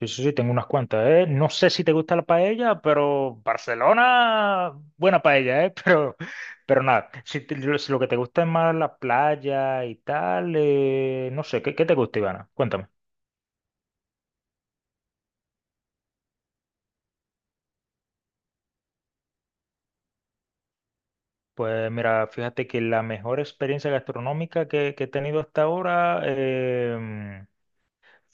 Sí, sí, sí, tengo unas cuantas, ¿eh? No sé si te gusta la paella, pero Barcelona, buena paella, ¿eh? Pero nada, si lo que te gusta es más la playa y tal, no sé, ¿qué te gusta, Ivana? Cuéntame. Pues mira, fíjate que la mejor experiencia gastronómica que he tenido hasta ahora.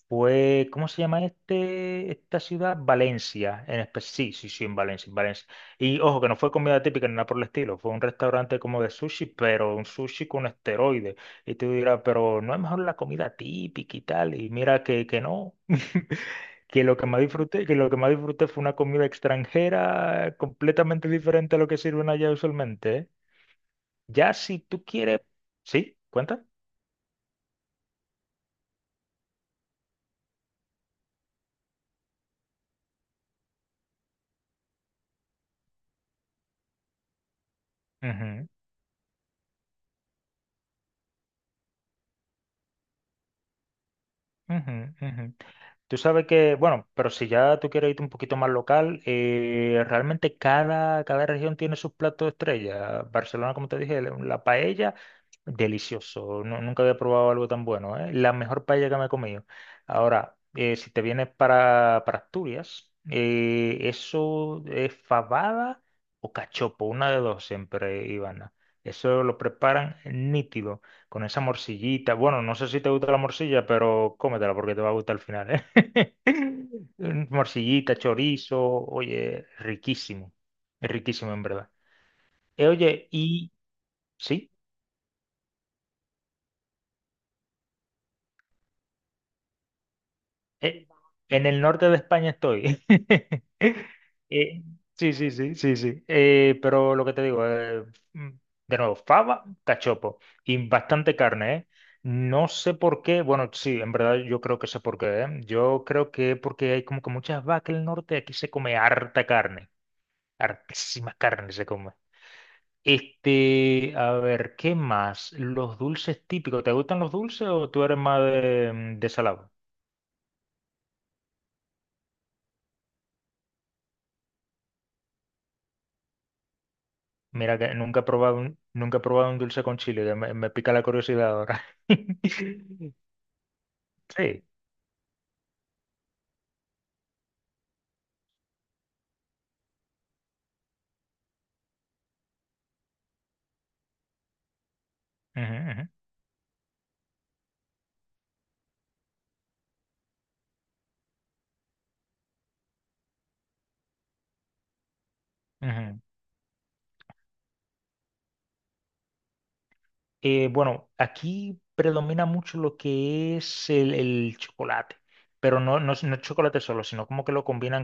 Pues, ¿cómo se llama esta ciudad? Valencia. Sí, sí, sí, en Valencia, en Valencia. Y ojo, que no fue comida típica ni nada por el estilo. Fue un restaurante como de sushi, pero un sushi con esteroides. Y tú dirás, pero no es mejor la comida típica y tal. Y mira que no. Que lo que más disfruté fue una comida extranjera completamente diferente a lo que sirven allá usualmente, ¿eh? Ya si tú quieres. ¿Sí? ¿Cuenta? Ujú, ujú, ujú. Tú sabes que, bueno, pero si ya tú quieres irte un poquito más local, realmente cada región tiene sus platos estrella. Barcelona, como te dije, la paella, delicioso. Nunca había probado algo tan bueno, ¿eh? La mejor paella que me he comido. Ahora, si te vienes para Asturias, eso es fabada o cachopo, una de dos siempre, Ivana. Eso lo preparan nítido, con esa morcillita. Bueno, no sé si te gusta la morcilla, pero cómetela porque te va a gustar al final, ¿eh? Morcillita, chorizo, oye, riquísimo, es riquísimo en verdad. Oye, y sí, eh, en el norte de España estoy. Eh, sí, sí, sí, sí, sí. Pero lo que te digo, mm, de nuevo, fava, cachopo y bastante carne, ¿eh? No sé por qué, bueno, sí, en verdad yo creo que sé por qué, ¿eh? Yo creo que porque hay como que muchas vacas en el norte, aquí se come harta carne, hartísima carne se come. Este, a ver, ¿qué más? Los dulces típicos. ¿Te gustan los dulces o tú eres más de salado? Mira que nunca he probado un dulce con chile, que me pica la curiosidad ahora. Sí. Ujú, ujú, ujú. Bueno, aquí predomina mucho lo que es el chocolate, pero no, no, no es chocolate solo, sino como que lo combinan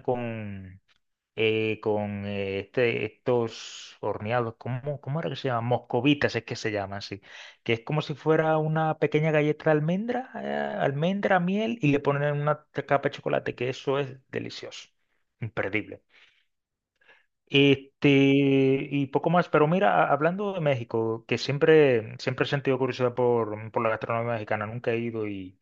con estos horneados, ¿cómo era que se llaman? Moscovitas es que se llaman así, que es como si fuera una pequeña galleta de almendra, miel y le ponen una capa de chocolate, que eso es delicioso, imperdible. Este, y poco más, pero mira, hablando de México, que siempre, siempre he sentido curiosidad por la gastronomía mexicana, nunca he ido y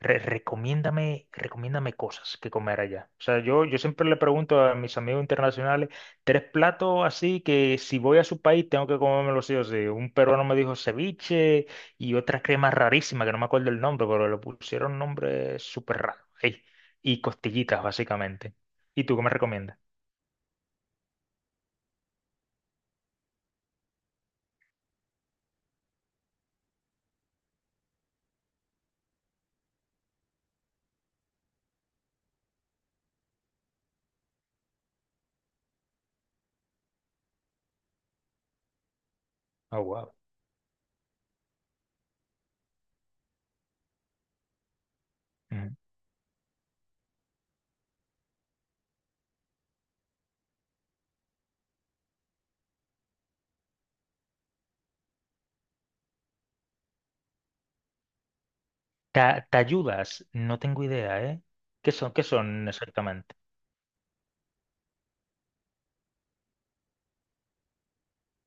recomiéndame, recomiéndame cosas que comer allá. O sea, yo siempre le pregunto a mis amigos internacionales, tres platos así que si voy a su país tengo que comérmelo sí o sí. Un peruano me dijo ceviche y otra crema rarísima que no me acuerdo el nombre, pero le pusieron nombre súper raro. Ey, y costillitas, básicamente. ¿Y tú qué me recomiendas? Oh, wow. Tayudas, no tengo idea, ¿eh? ¿Qué son exactamente?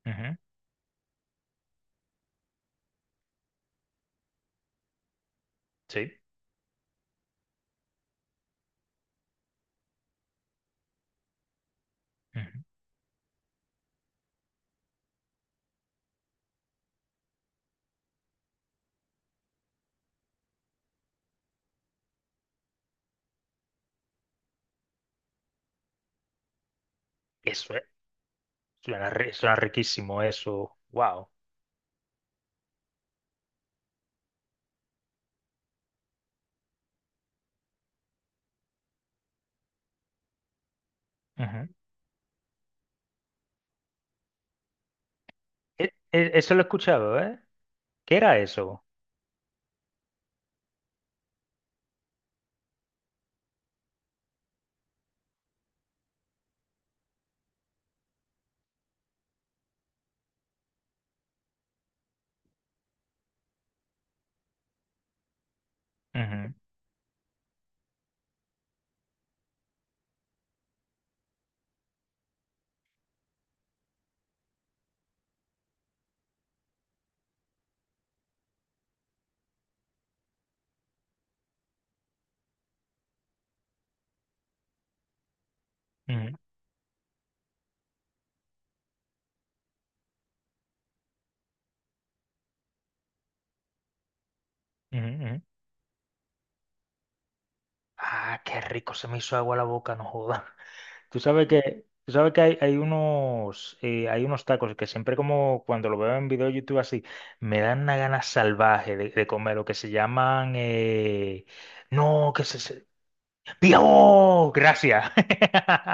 Ujú. Sí. Ujú. Eso es. Suena, suena riquísimo eso. Wow. Ujú. Eso lo he escuchado, ¿eh? ¿Qué era eso? Ujú, ujú, ujú, ujú. Ah, qué rico, se me hizo agua la boca, no joda. Tú sabes que hay unos tacos que siempre como cuando lo veo en video de YouTube así, me dan una gana salvaje de comer, lo que se llaman, no, ¡Dios! Gracias.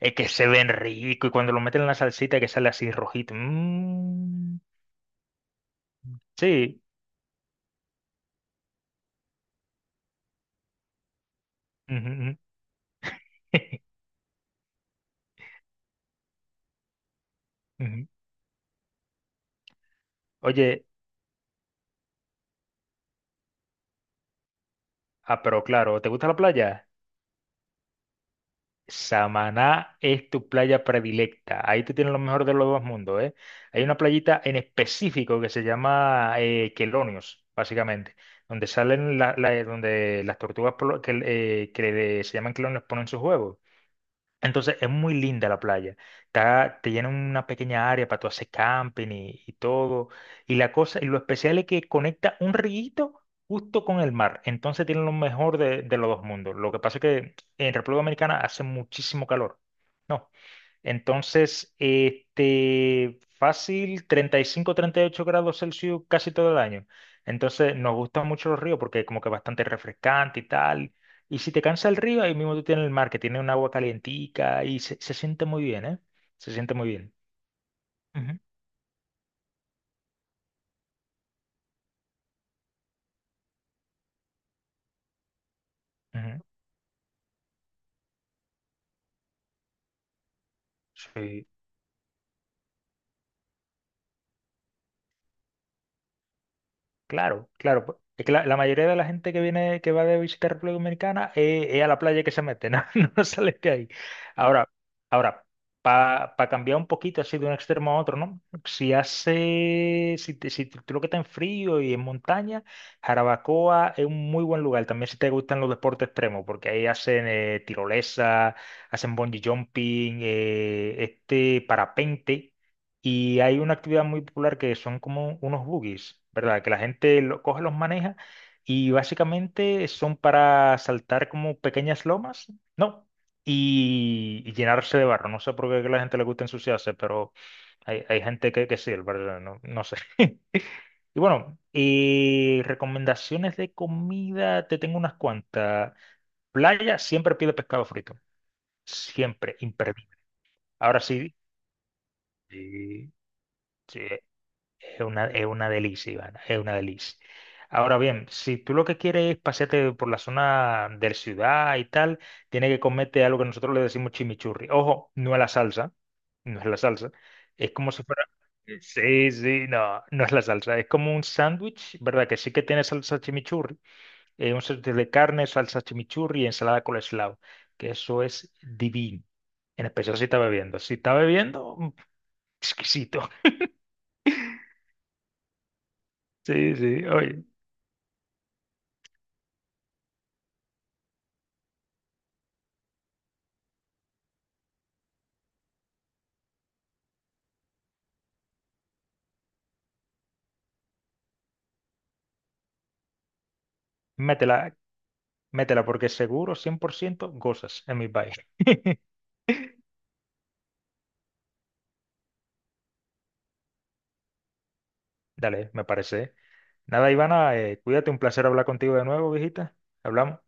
Es que se ven rico y cuando lo meten en la salsita que sale así rojito. Mm, sí. Ujú, ujú. Ujú. Oye, ah, pero claro, ¿te gusta la playa? Samaná es tu playa predilecta. Ahí tú tienes lo mejor de los dos mundos, ¿eh? Hay una playita en específico que se llama Quelonios, básicamente, donde salen la- la- donde las tortugas se llaman quelonios ponen sus huevos. Entonces es muy linda la playa. Está, te llena una pequeña área para tú hacer camping y todo. Y la cosa, y lo especial es que conecta un riguito justo con el mar. Entonces tiene lo mejor de los dos mundos. Lo que pasa es que en República Dominicana hace muchísimo calor. No. Entonces, este, fácil, 35, 38 grados Celsius casi todo el año. Entonces, nos gustan mucho los ríos porque como que bastante refrescante y tal. Y si te cansa el río, ahí mismo tú tienes el mar, que tiene un agua calientica y se siente muy bien, ¿eh? Se siente muy bien. Ujú, ujú. Sí. Claro, claro. Pues, es que la mayoría de la gente que viene, que va de visita a República Dominicana, es a la playa que se mete, no, no sale de ahí. Ahora, ahora, para cambiar un poquito así de un extremo a otro, ¿no? Si hace, si, te- si tú lo que está en frío y en montaña, Jarabacoa es un muy buen lugar. También si te gustan los deportes extremos, porque ahí hacen tirolesa, hacen bungee jumping, este parapente. Y hay una actividad muy popular que son como unos buggies, ¿verdad? Que la gente lo coge, los maneja y básicamente son para saltar como pequeñas lomas, ¿no? Y llenarse de barro. No sé por qué a la gente le gusta ensuciarse, pero hay gente que sí, ¿verdad? No, no sé. Y bueno, recomendaciones de comida, te tengo unas cuantas. Playa, siempre pide pescado frito. Siempre, imperdible. Ahora sí. Sí, sí, es una delicia, Ivana, es una delicia. Ahora bien, si tú lo que quieres es pasearte por la zona de la ciudad y tal, tienes que comerte algo que nosotros le decimos chimichurri. Ojo, no es la salsa, no es la salsa. Es como si fuera. Sí, sí, no, no es la salsa. Es como un sándwich, ¿verdad? Que sí que tiene salsa chimichurri. Un sándwich de carne, salsa chimichurri y ensalada coleslaw. Que eso es divino. En especial si está bebiendo. Si está bebiendo, exquisito. Sí, sí, oye. Métela, métela porque seguro 100% gozas en mi país. Dale, me parece. Nada, Ivana, cuídate, un placer hablar contigo de nuevo, viejita. Hablamos.